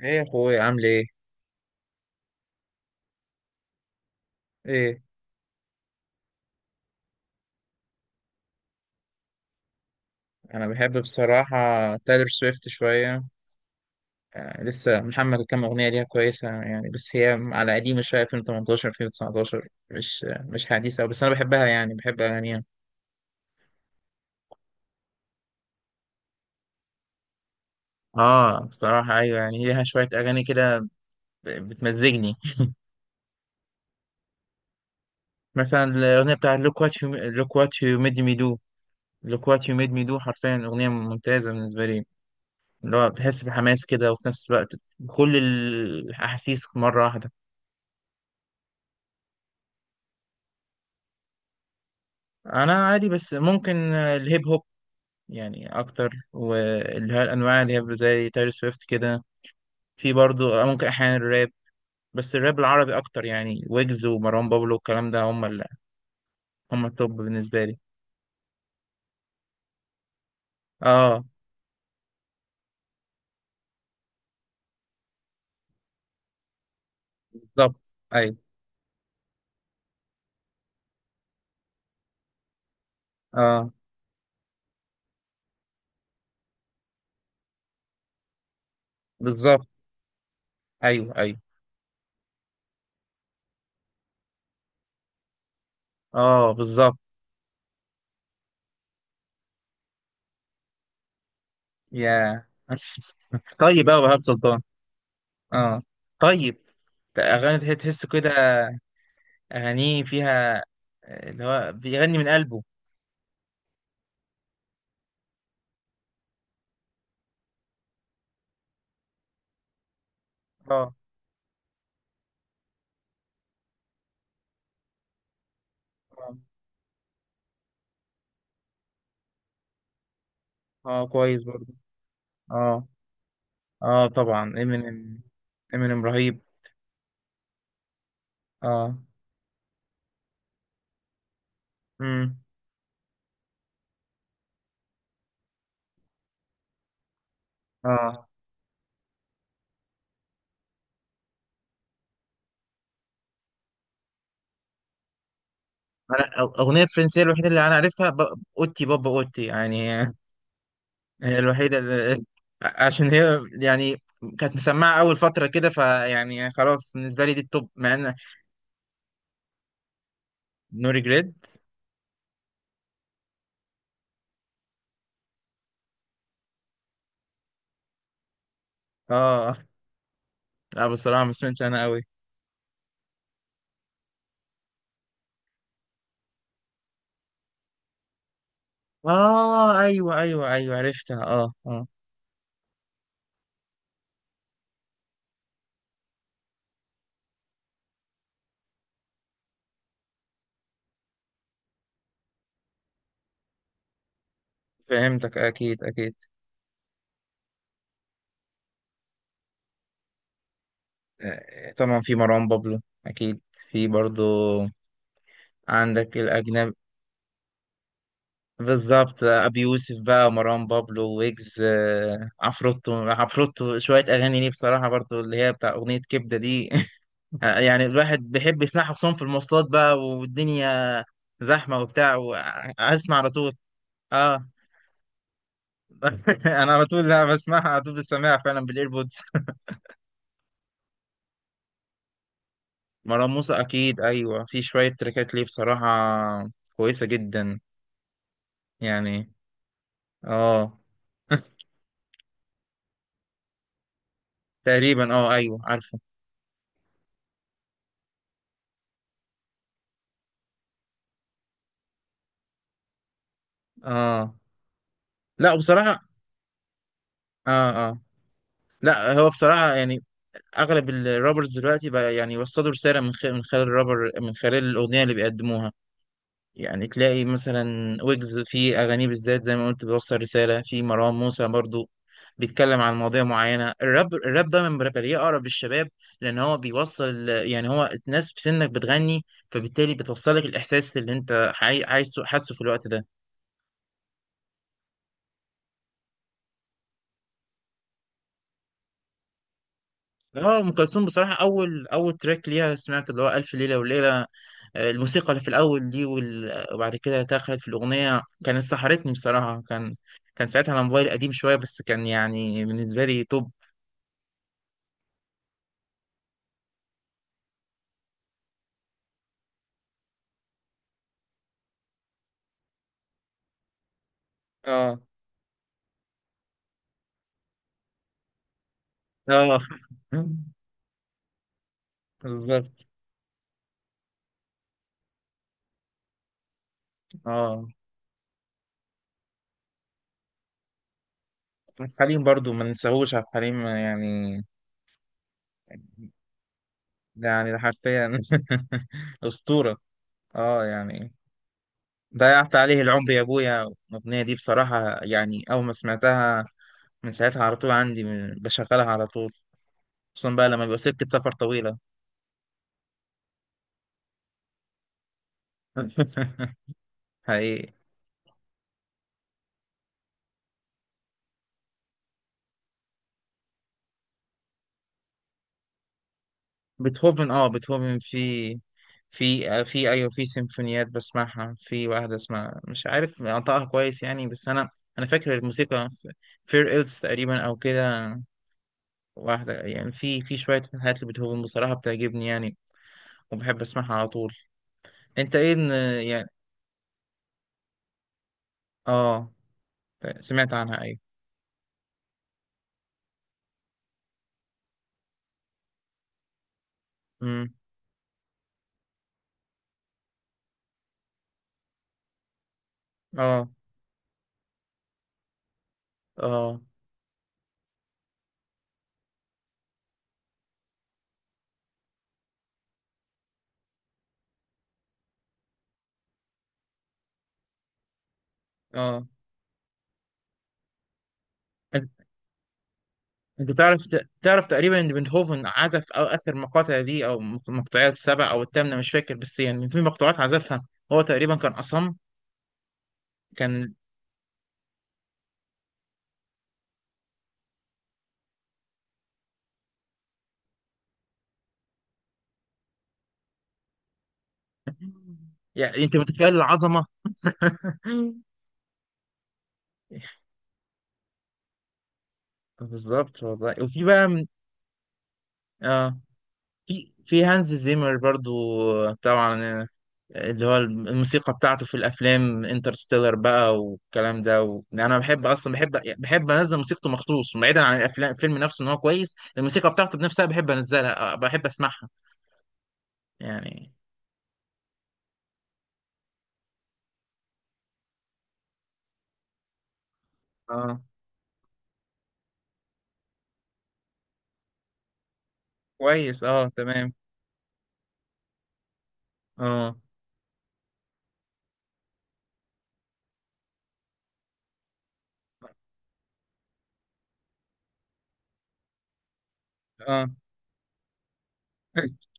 ايه يا اخويا عامل ايه. ايه، انا بحب بصراحه تايلر سويفت شويه. آه، لسه محمل كام اغنيه ليها كويسه يعني، بس هي على قديمه شويه، 2018 2019، مش حديثه، بس انا بحبها يعني، بحب اغانيها. اه بصراحه ايوه، يعني ليها شويه اغاني كده بتمزجني. مثلا الاغنيه بتاعت look what you, look what you made me do. look what you made me do حرفيا اغنيه ممتازه بالنسبه لي. اللي هو بتحس بحماس كده، وفي نفس الوقت كل الاحاسيس مره واحده. انا عادي، بس ممكن الهيب هوب يعني اكتر، واللي هي الانواع اللي هي زي تايلور سويفت كده. في برضو ممكن احيانا الراب. بس الراب العربي اكتر، يعني ويجز ومروان بابلو والكلام ده هم ال... هم التوب بالنسبه لي. اه بالظبط، ايوه. اه بالظبط، ايوه ايوه. اه بالظبط. يا طيب بقى وهاب سلطان. اه، طيب. اغاني تحس كده. اغانيه فيها اللي هو بيغني من قلبه. اه. اه. كويس برضو. اه. اه طبعا امينيم. امينيم رهيب. اه. امم. اه. انا اغنيه الفرنسيه الوحيده اللي انا عارفها ب... اوتي بابا اوتي يعني. هي الوحيده اللي... عشان هي يعني كانت مسمعه اول فتره كده، فيعني خلاص بالنسبه لي دي التوب، مع ان... نو ريجريت. اه. لا بصراحه ما سمعتش انا قوي. اه ايوه ايوه ايوه، عرفتها. اه اه. فهمتك، اكيد اكيد. طبعا في مروان بابلو اكيد. في برضو عندك الاجنبي. بالظبط، ابي يوسف بقى، مروان بابلو، ويجز، عفروتو. عفروتو شويه اغاني ليه بصراحه برضو، اللي هي بتاع اغنيه كبده دي. يعني الواحد بيحب يسمعها، خصوصا في المواصلات بقى والدنيا زحمه وبتاع، واسمع على طول. اه. انا على طول، لا بسمعها على طول، بسمعها فعلا بالايربودز. مروان موسى اكيد ايوه، في شويه تريكات ليه بصراحه كويسه جدا. يعني. اه. تقريبا اه ايوه عارفه. اه. لا بصراحه. اه. آه. لا هو بصراحة يعني أغلب الرابرز دلوقتي بقى يعني وصلوا رسالة من خلال الرابر، من خلال الأغنية اللي بيقدموها. يعني تلاقي مثلا ويجز في أغانيه بالذات زي ما قلت بيوصل رسالة، في مروان موسى برضو بيتكلم عن مواضيع معينة. الراب ده من برابليه أقرب للشباب، لأن هو بيوصل، يعني هو الناس في سنك بتغني، فبالتالي بتوصلك الإحساس اللي أنت عايزه حاسه في الوقت ده. اه. ام كلثوم بصراحه، اول تراك ليها سمعت اللي هو الف ليله وليله. الموسيقى اللي في الاول دي وبعد كده دخلت في الاغنيه كانت سحرتني بصراحه. كان ساعتها على موبايل قديم شويه، بس كان يعني بالنسبه لي توب. اه. اه. بالظبط. اه عبد الحليم برضو، ما ننساهوش عبد الحليم يعني. ده يعني ده حرفيا. اسطوره. اه يعني. ضيعت عليه العمر يا ابويا، الاغنيه دي بصراحه يعني اول ما سمعتها، من ساعتها على طول عندي، بشغلها على طول. خصوصا بقى لما بيبقى سكة سفر طويلة. حقيقي. بيتهوفن. اه بيتهوفن، في في ايوه، في سيمفونيات بسمعها. في واحدة اسمها مش عارف انطقها كويس يعني، بس انا، انا فاكر الموسيقى. فير إلز تقريبا او كده. واحدة يعني، في في شوية حاجات لبيتهوفن بصراحة بتعجبني يعني، وبحب اسمعها على طول. انت ايه يعني. اه. سمعت عنها ايوه. امم. اه. اه. اه. انت تعرف، تعرف تقريبا ان بيتهوفن عزف او اخر مقاطع دي، او المقطوعات السبع او الثامنه، مش فاكر، بس يعني في مقطوعات عزفها هو تقريبا كان اصم. كان. يعني انت متخيل العظمه. بالظبط والله. وفي بقى اه، في هانز زيمر برضو طبعا، اللي هو الموسيقى بتاعته في الافلام انترستيلر بقى والكلام ده، و... انا بحب، اصلا بحب، بحب انزل موسيقته مخصوص، بعيدا عن الافلام، الفيلم نفسه ان هو كويس، الموسيقى بتاعته بنفسها بحب انزلها، بحب اسمعها يعني. اه كويس اه تمام. اه اه.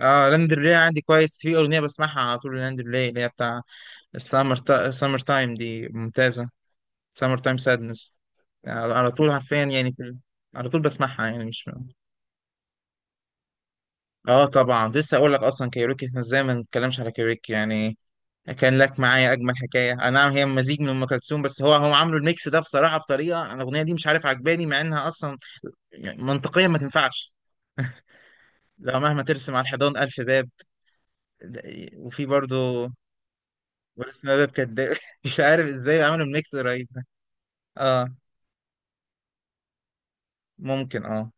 اه، لاندرليه عندي كويس، في اغنيه بسمعها على طول، لاندرليه اللي هي بتاع السمر سمر تايم دي ممتازه. سمر تايم سادنس، على طول حرفيا يعني في... على طول بسمعها يعني مش... اه طبعا، لسه اقول لك، اصلا كايروكي احنا ازاي ما نتكلمش على كايروكي يعني. كان لك معايا اجمل حكايه، انا نعم هي مزيج من ام كلثوم، بس هم عاملوا الميكس ده بصراحه بطريقه، انا الاغنيه دي مش عارف عجباني مع انها اصلا يعني منطقيا ما تنفعش. لو مهما ترسم على الحيطان الف باب. إيه، وفي برضه. ورسم باب كداب. مش عارف ازاي عملوا الميكس رهيب ده. اه ممكن اه.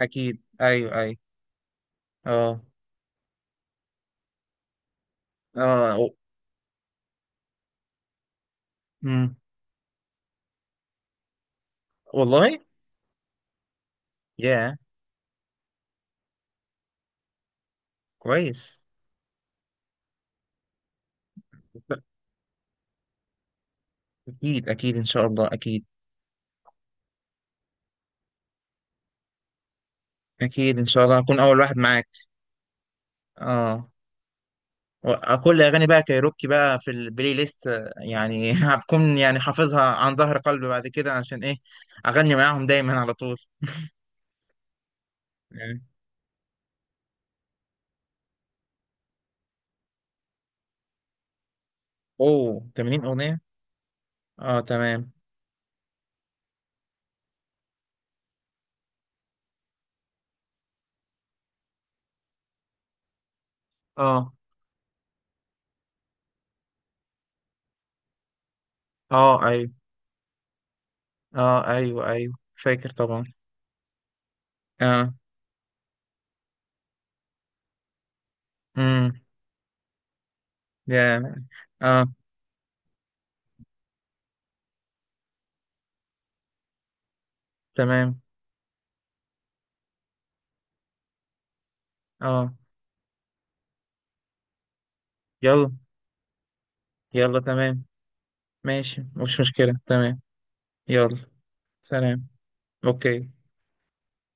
اكيد ايوه ايوه. اه اه. و... مم. والله. يا. كويس. اكيد اكيد ان شاء الله اكيد. اكيد ان شاء الله هكون اول واحد معاك. اه. و- كل اغاني بقى كايروكي بقى في البلاي ليست، يعني هبكون يعني حافظها عن ظهر قلب بعد كده عشان ايه. اغني معاهم دايما على طول. يعني. اوه 80 اغنيه. اه تمام. اه. اه ايوه. اه ايوه ايوه فاكر طبعا. اه. امم. يا. اه تمام. اه. يلا. يلا تمام. ماشي، مش مشكله، تمام. يلا. سلام. اوكي.